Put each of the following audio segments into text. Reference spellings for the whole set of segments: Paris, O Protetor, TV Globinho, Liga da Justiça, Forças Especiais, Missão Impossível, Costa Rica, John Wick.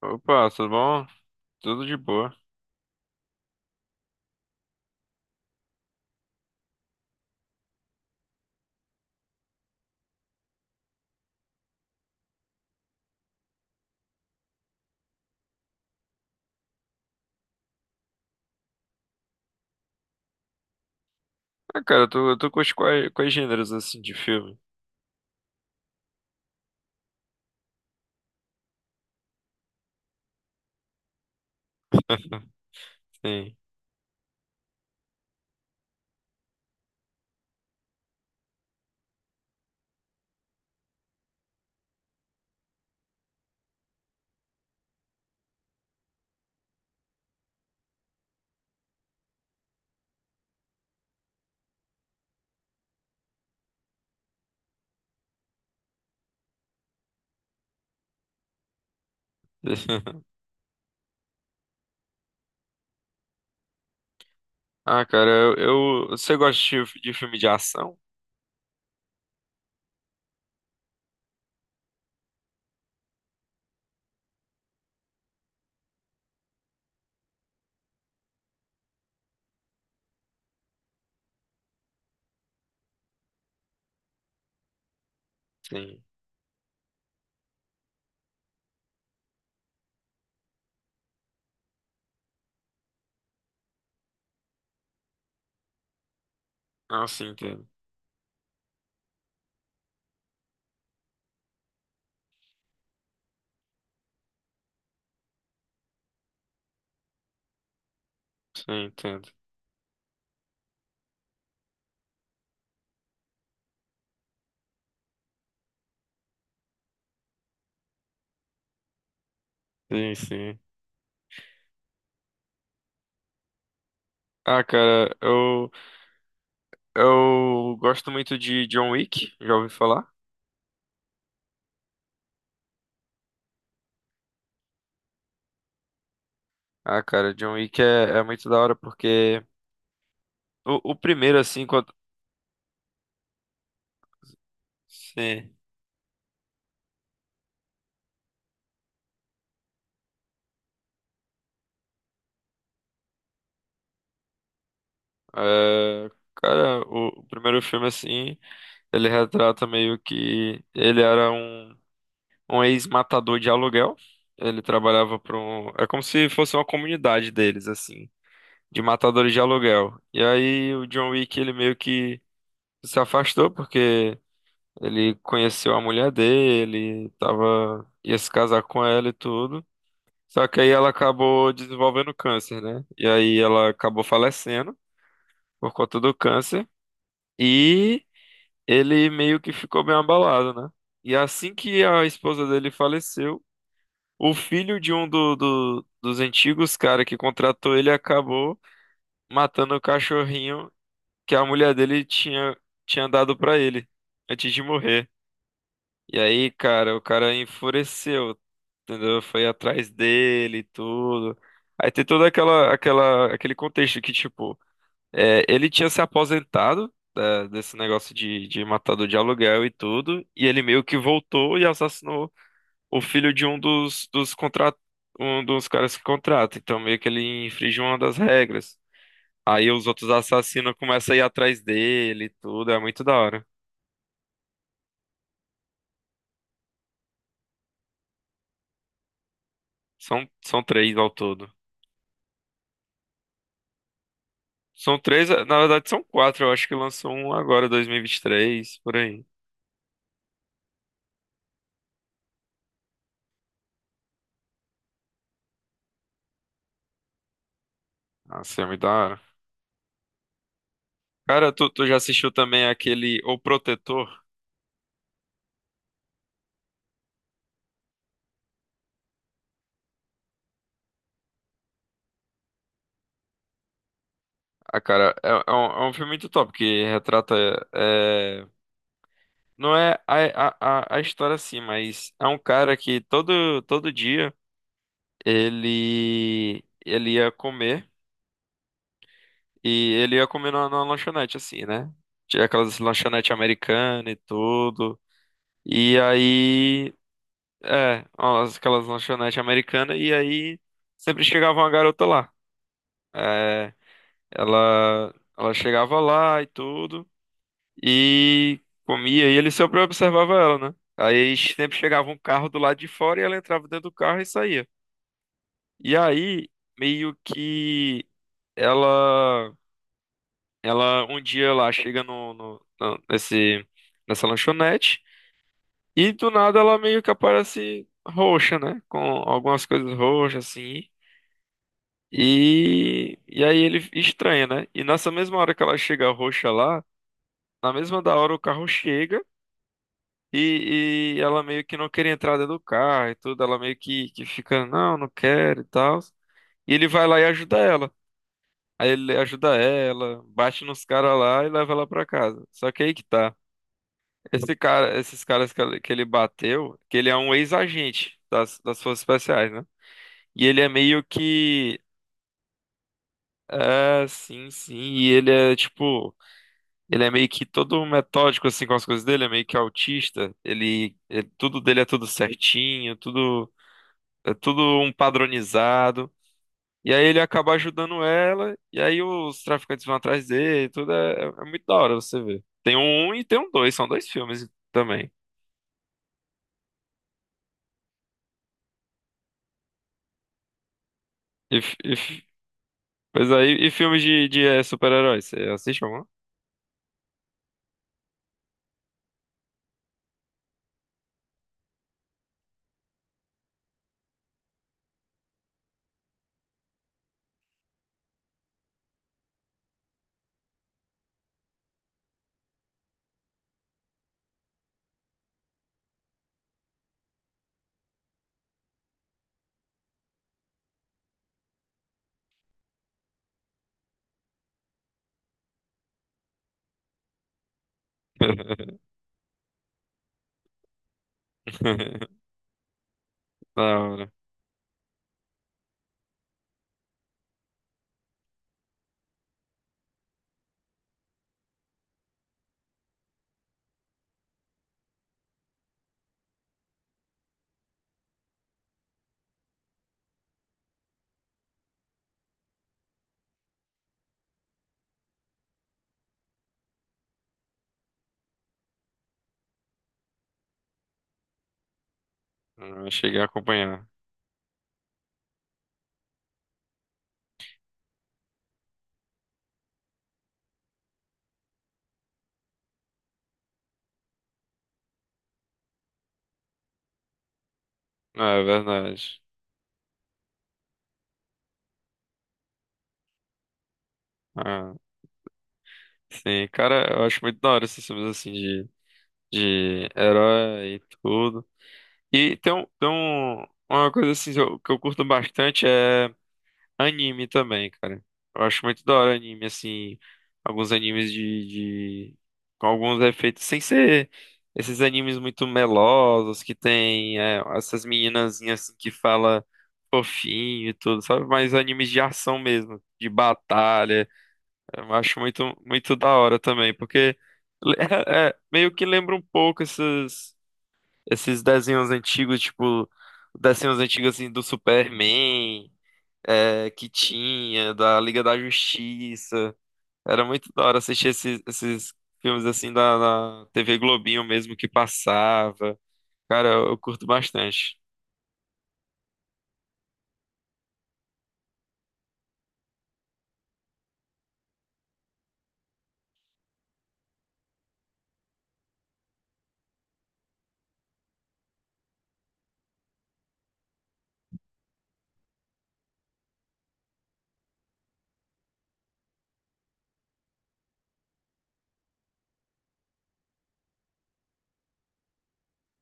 Opa, tudo bom? Tudo de boa. Ah, cara, eu tô com quais gêneros assim de filme? Sim. Ah, cara, você gosta de, de filme de ação? Sim. Ah, sim, entendo. Sim, entendo. Sim, sim. Ah, cara, eu gosto muito de John Wick, já ouvi falar? Ah, cara, John Wick é muito da hora porque o primeiro, assim, quando. Sim. É, cara, o primeiro filme, assim. Ele retrata meio que ele era um ex-matador de aluguel. Ele trabalhava para um. É como se fosse uma comunidade deles, assim, de matadores de aluguel. E aí o John Wick, ele meio que se afastou porque ele conheceu a mulher dele, tava, ia se casar com ela e tudo. Só que aí ela acabou desenvolvendo câncer, né? E aí ela acabou falecendo por conta do câncer. E. ele meio que ficou bem abalado, né? E assim que a esposa dele faleceu, o filho de dos antigos cara que contratou ele acabou matando o cachorrinho que a mulher dele tinha dado pra ele antes de morrer. E aí, cara, o cara enfureceu, entendeu? Foi atrás dele e tudo. Aí tem toda aquele contexto que, tipo, é, ele tinha se aposentado desse negócio de matador de aluguel e tudo, e ele meio que voltou e assassinou o filho dos um dos caras que contrata. Então meio que ele infringiu uma das regras. Aí os outros assassinos começam a ir atrás dele e tudo, é muito da hora. São, são três ao todo. São três, é, na verdade são quatro, eu acho que lançou um agora, 2023, por aí. Nossa, é muito da hora. Cara, tu já assistiu também aquele O Protetor? Ah, cara, é um filme muito top que retrata. É, não é a história assim, mas é um cara que todo dia ele ia comer e ele ia comer numa lanchonete, assim, né? Tinha aquelas lanchonetes americanas e tudo. E aí. É, aquelas lanchonetes americanas e aí sempre chegava uma garota lá. É, ela chegava lá e tudo. E comia, e ele sempre observava ela, né? Aí sempre chegava um carro do lado de fora e ela entrava dentro do carro e saía. E aí, meio que ela, ela um dia lá chega nesse, nessa lanchonete e do nada ela meio que aparece roxa, né? Com algumas coisas roxas assim. E aí ele estranha, né? E nessa mesma hora que ela chega roxa lá, na mesma da hora o carro chega. E ela meio que não queria entrar dentro do carro e tudo. Ela meio que fica, não, não quero e tal. E ele vai lá e ajuda ela. Aí ele ajuda ela, bate nos caras lá e leva ela pra casa. Só que aí que tá. Esse cara, esses caras que ele bateu, que ele é um ex-agente das Forças Especiais, né? E ele é meio que. É, sim, sim. E ele é tipo. Ele é meio que todo metódico assim com as coisas dele, é meio que autista. Ele, tudo dele é tudo certinho, tudo É tudo um padronizado. E aí ele acaba ajudando ela, e aí os traficantes vão atrás dele, tudo é, é muito da hora você ver. Tem um um e tem um dois, são dois filmes também. E, f- e f- e filmes de super-heróis, você assiste algum? Da hora. Ah, cheguei a acompanhar. Ah, é verdade. Ah, sim, cara, eu acho muito da hora esses filmes assim de herói e tudo. E tem, tem uma coisa assim que eu curto bastante é anime também, cara. Eu acho muito da hora anime, assim. Alguns animes de, de- com alguns efeitos. Sem ser esses animes muito melosos que tem é, essas meninazinhas assim, que fala fofinho e tudo, sabe? Mas animes de ação mesmo, de batalha. Eu acho muito da hora também, porque é- é, meio que lembra um pouco esses desenhos antigos, tipo. Desenhos antigos assim do Superman é, que tinha, da Liga da Justiça. Era muito da hora assistir esses filmes assim da TV Globinho mesmo que passava. Cara, eu curto bastante.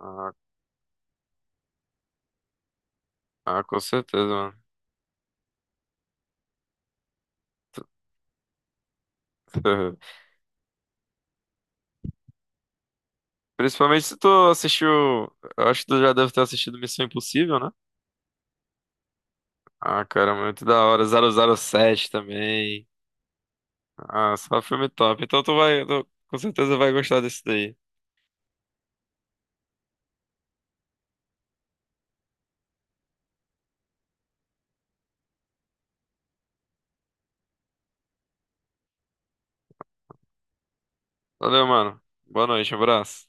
Ah, ah, com certeza, mano. Principalmente se tu assistiu. Eu acho que tu já deve ter assistido Missão Impossível, né? Ah, cara, muito da hora. 007 também. Ah, só filme top. Então tu vai, tu com certeza vai gostar desse daí. Valeu, mano. Boa noite, abraço.